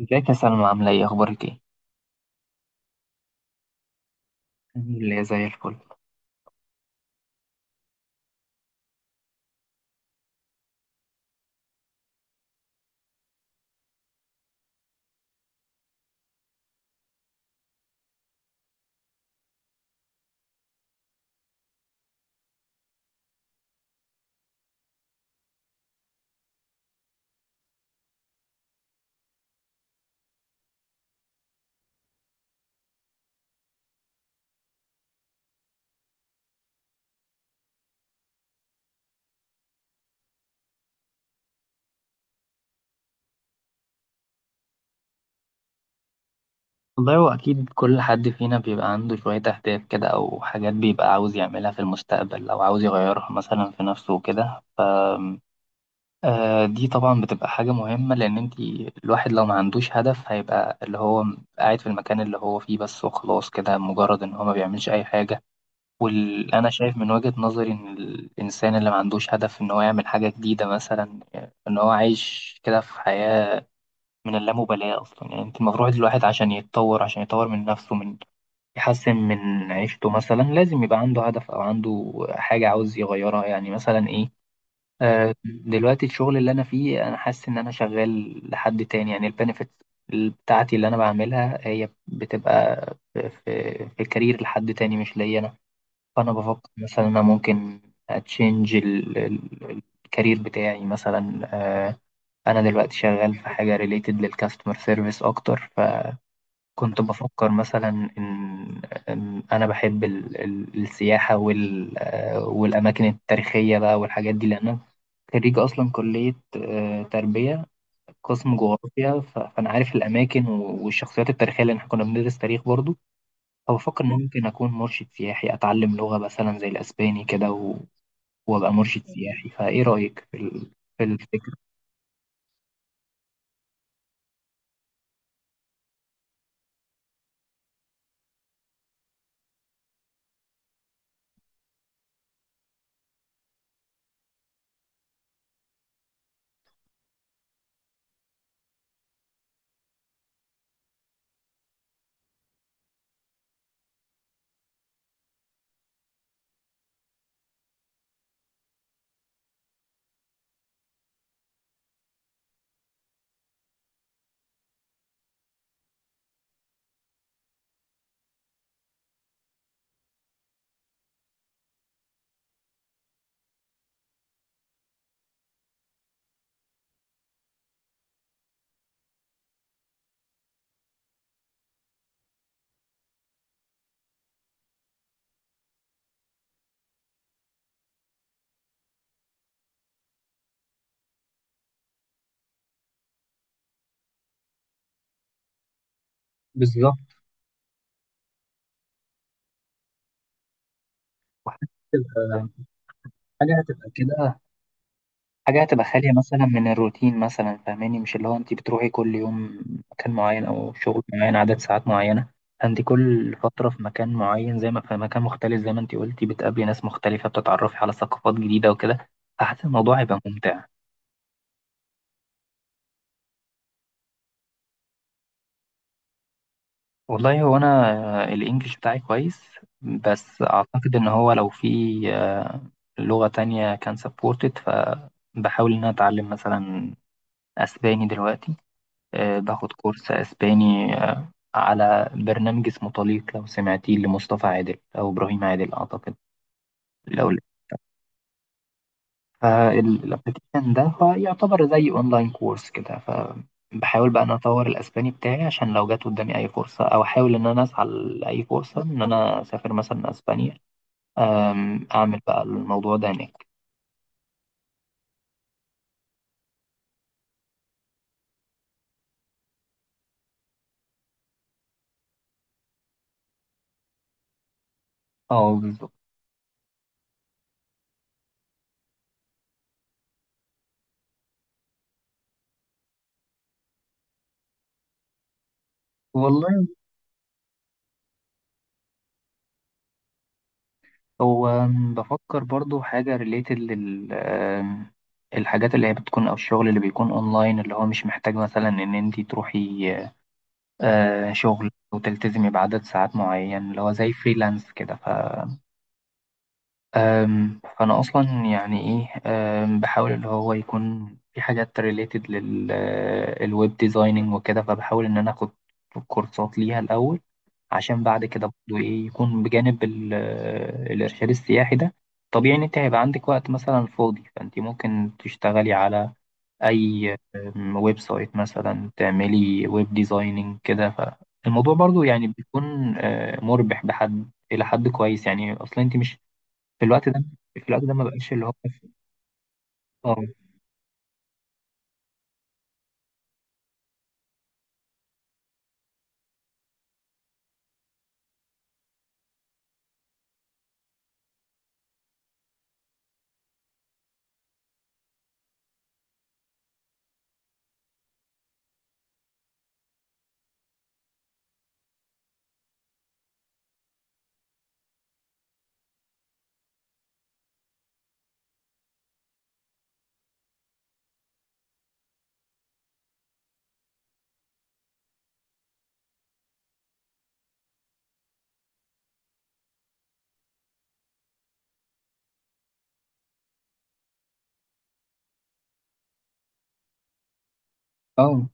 ازيك يا سلمى عاملة ايه اخبارك ايه؟ اللي زي الفل. والله هو اكيد كل حد فينا بيبقى عنده شوية اهداف كده او حاجات بيبقى عاوز يعملها في المستقبل او عاوز يغيرها مثلا في نفسه وكده. أم، آه، دي طبعا بتبقى حاجة مهمة لان انت الواحد لو ما عندوش هدف هيبقى اللي هو قاعد في المكان اللي هو فيه بس وخلاص كده مجرد ان هو ما بيعملش اي حاجة. وانا شايف من وجهة نظري ان الانسان اللي ما عندوش هدف ان هو يعمل حاجة جديدة مثلا، ان هو عايش كده في حياة من اللامبالاة أصلا. يعني أنت المفروض الواحد عشان يتطور، عشان يطور من نفسه، من يحسن من عيشته مثلا لازم يبقى عنده هدف أو عنده حاجة عاوز يغيرها، يعني مثلا إيه. آه، دلوقتي الشغل اللي أنا فيه أنا حاسس إن أنا شغال لحد تاني، يعني البنفيت بتاعتي اللي أنا بعملها هي بتبقى في, في, في كارير لحد تاني مش ليا أنا. فأنا بفكر مثلا أنا ممكن أتشنج الكارير بتاعي مثلا. انا دلوقتي شغال في حاجه ريليتد للكاستمر سيرفيس اكتر، فكنت بفكر مثلا ان إن انا بحب السياحه وال والاماكن التاريخيه بقى والحاجات دي، لان انا خريج اصلا كليه تربيه، قسم جغرافيا. فانا عارف الاماكن والشخصيات التاريخيه لان احنا كنا بندرس تاريخ برضو. فبفكر ان ممكن اكون مرشد سياحي، اتعلم لغه مثلا زي الاسباني كده وابقى مرشد سياحي. فايه رايك في في الفكره؟ بالظبط، وحتى حاجة هتبقى كده حاجة هتبقى خالية مثلا من الروتين مثلا، فاهماني؟ مش اللي هو انت بتروحي كل يوم مكان معين او شغل معين عدد ساعات معينة. انت كل فترة في مكان معين، زي ما في مكان مختلف زي ما انت قلتي بتقابلي ناس مختلفة، بتتعرفي على ثقافات جديدة وكده. فحاسس الموضوع هيبقى ممتع. والله هو انا الانجليش بتاعي كويس، بس اعتقد ان هو لو في لغة تانية كان سبورتد. فبحاول ان انا اتعلم مثلا اسباني دلوقتي. باخد كورس اسباني على برنامج اسمه طليق، لو سمعتيه، لمصطفى عادل او ابراهيم عادل اعتقد. لو فالابلكيشن ده هو يعتبر زي اونلاين كورس كده، فبحاول بقى ان أنا اطور الاسباني بتاعي عشان لو جت قدامي اي فرصه، او احاول ان انا اسعى لاي فرصه ان انا اسافر مثلا اسبانيا. اعمل بقى الموضوع ده هناك. اه بالظبط. والله هو بفكر برضو حاجة ريليتد لل الحاجات اللي هي بتكون أو الشغل اللي بيكون أونلاين، اللي هو مش محتاج مثلا إن أنتي تروحي شغل وتلتزمي بعدد ساعات معين، اللي هو زي فريلانس كده. ف فأنا أصلا يعني إيه، بحاول اللي هو يكون في حاجات ريليتد للويب ديزايننج وكده. فبحاول إن أنا آخد كورسات ليها الأول عشان بعد كده برضه ايه يكون بجانب الارشاد السياحي ده. طبيعي ان انت هيبقى عندك وقت مثلا فاضي، فانت ممكن تشتغلي على اي ويب سايت مثلا، تعملي ويب ديزايننج كده. فالموضوع برضو يعني بيكون مربح بحد الى حد كويس، يعني اصلا انت مش في الوقت ده في الوقت ده ما بقاش اللي هو اه اه.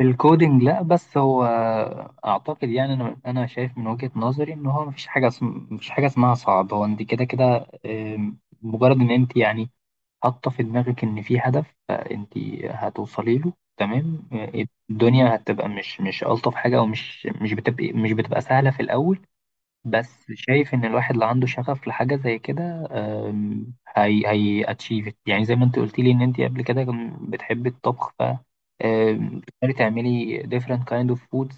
الكودينج لا، بس هو اعتقد، يعني انا شايف من وجهة نظري ان هو مفيش حاجه مفيش حاجه اسمها صعب. هو انت كده كده مجرد ان انت يعني حاطه في دماغك ان في هدف فانت هتوصلي له تمام. الدنيا هتبقى مش الطف حاجه، او مش بتبقى مش بتبقى سهله في الاول، بس شايف ان الواحد اللي عنده شغف لحاجه زي كده. هي اتشيفت، يعني زي ما انت قلت لي ان انت قبل كده بتحبي الطبخ. ف بتقدري تعملي different kind of foods.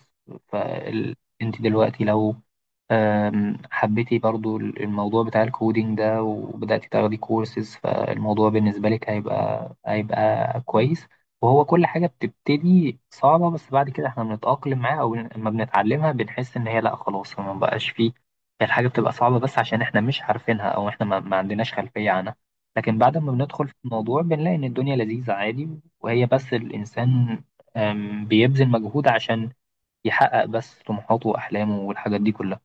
فانت دلوقتي لو حبيتي برضو الموضوع بتاع الكودينج ده وبدأتي تاخدي كورسز، فالموضوع بالنسبة لك هيبقى كويس. وهو كل حاجة بتبتدي صعبة، بس بعد كده احنا بنتأقلم معاها أو لما بنتعلمها بنحس إن هي لأ خلاص ما بقاش فيه. الحاجة بتبقى صعبة بس عشان احنا مش عارفينها او احنا ما عندناش خلفية عنها، لكن بعد ما بندخل في الموضوع بنلاقي ان الدنيا لذيذة عادي. وهي بس الانسان بيبذل مجهود عشان يحقق بس طموحاته واحلامه والحاجات دي كلها.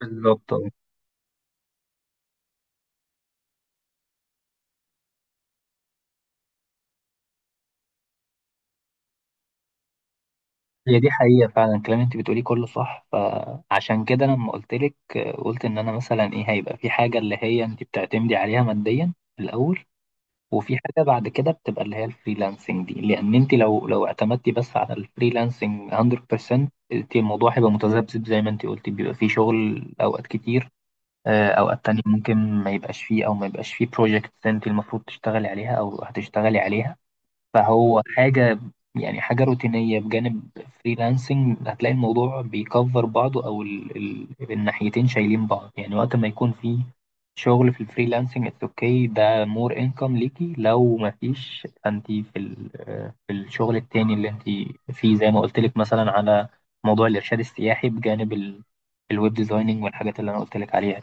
بالظبط آه. هي دي حقيقة فعلا، الكلام اللي انت بتقوليه كله صح. فعشان كده لما قلت لك قلت ان انا مثلا ايه هيبقى في حاجة اللي هي انت بتعتمدي عليها ماديا في الاول، وفي حاجة بعد كده بتبقى اللي هي الفريلانسنج دي. لأن أنت لو اعتمدتي بس على الفريلانسنج 100%، أنت الموضوع هيبقى متذبذب زي ما أنت قلتي. بيبقى فيه شغل أوقات كتير، أوقات تانية ممكن ما يبقاش فيه، أو ما يبقاش فيه بروجكت أنت المفروض تشتغلي عليها أو هتشتغلي عليها. فهو حاجة، يعني حاجة روتينية بجانب فريلانسنج، هتلاقي الموضوع بيكفر بعضه، أو ال الناحيتين شايلين بعض. يعني وقت ما يكون في شغل في الفريلانسنج اتس اوكي، ده مور انكم ليكي. لو ما فيش فانت في في الشغل التاني اللي انت فيه، زي ما قلت لك مثلا، على موضوع الإرشاد السياحي بجانب الويب ديزايننج والحاجات اللي انا قلت لك عليها.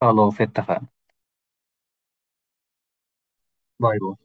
خلاص اتفقنا. باي باي.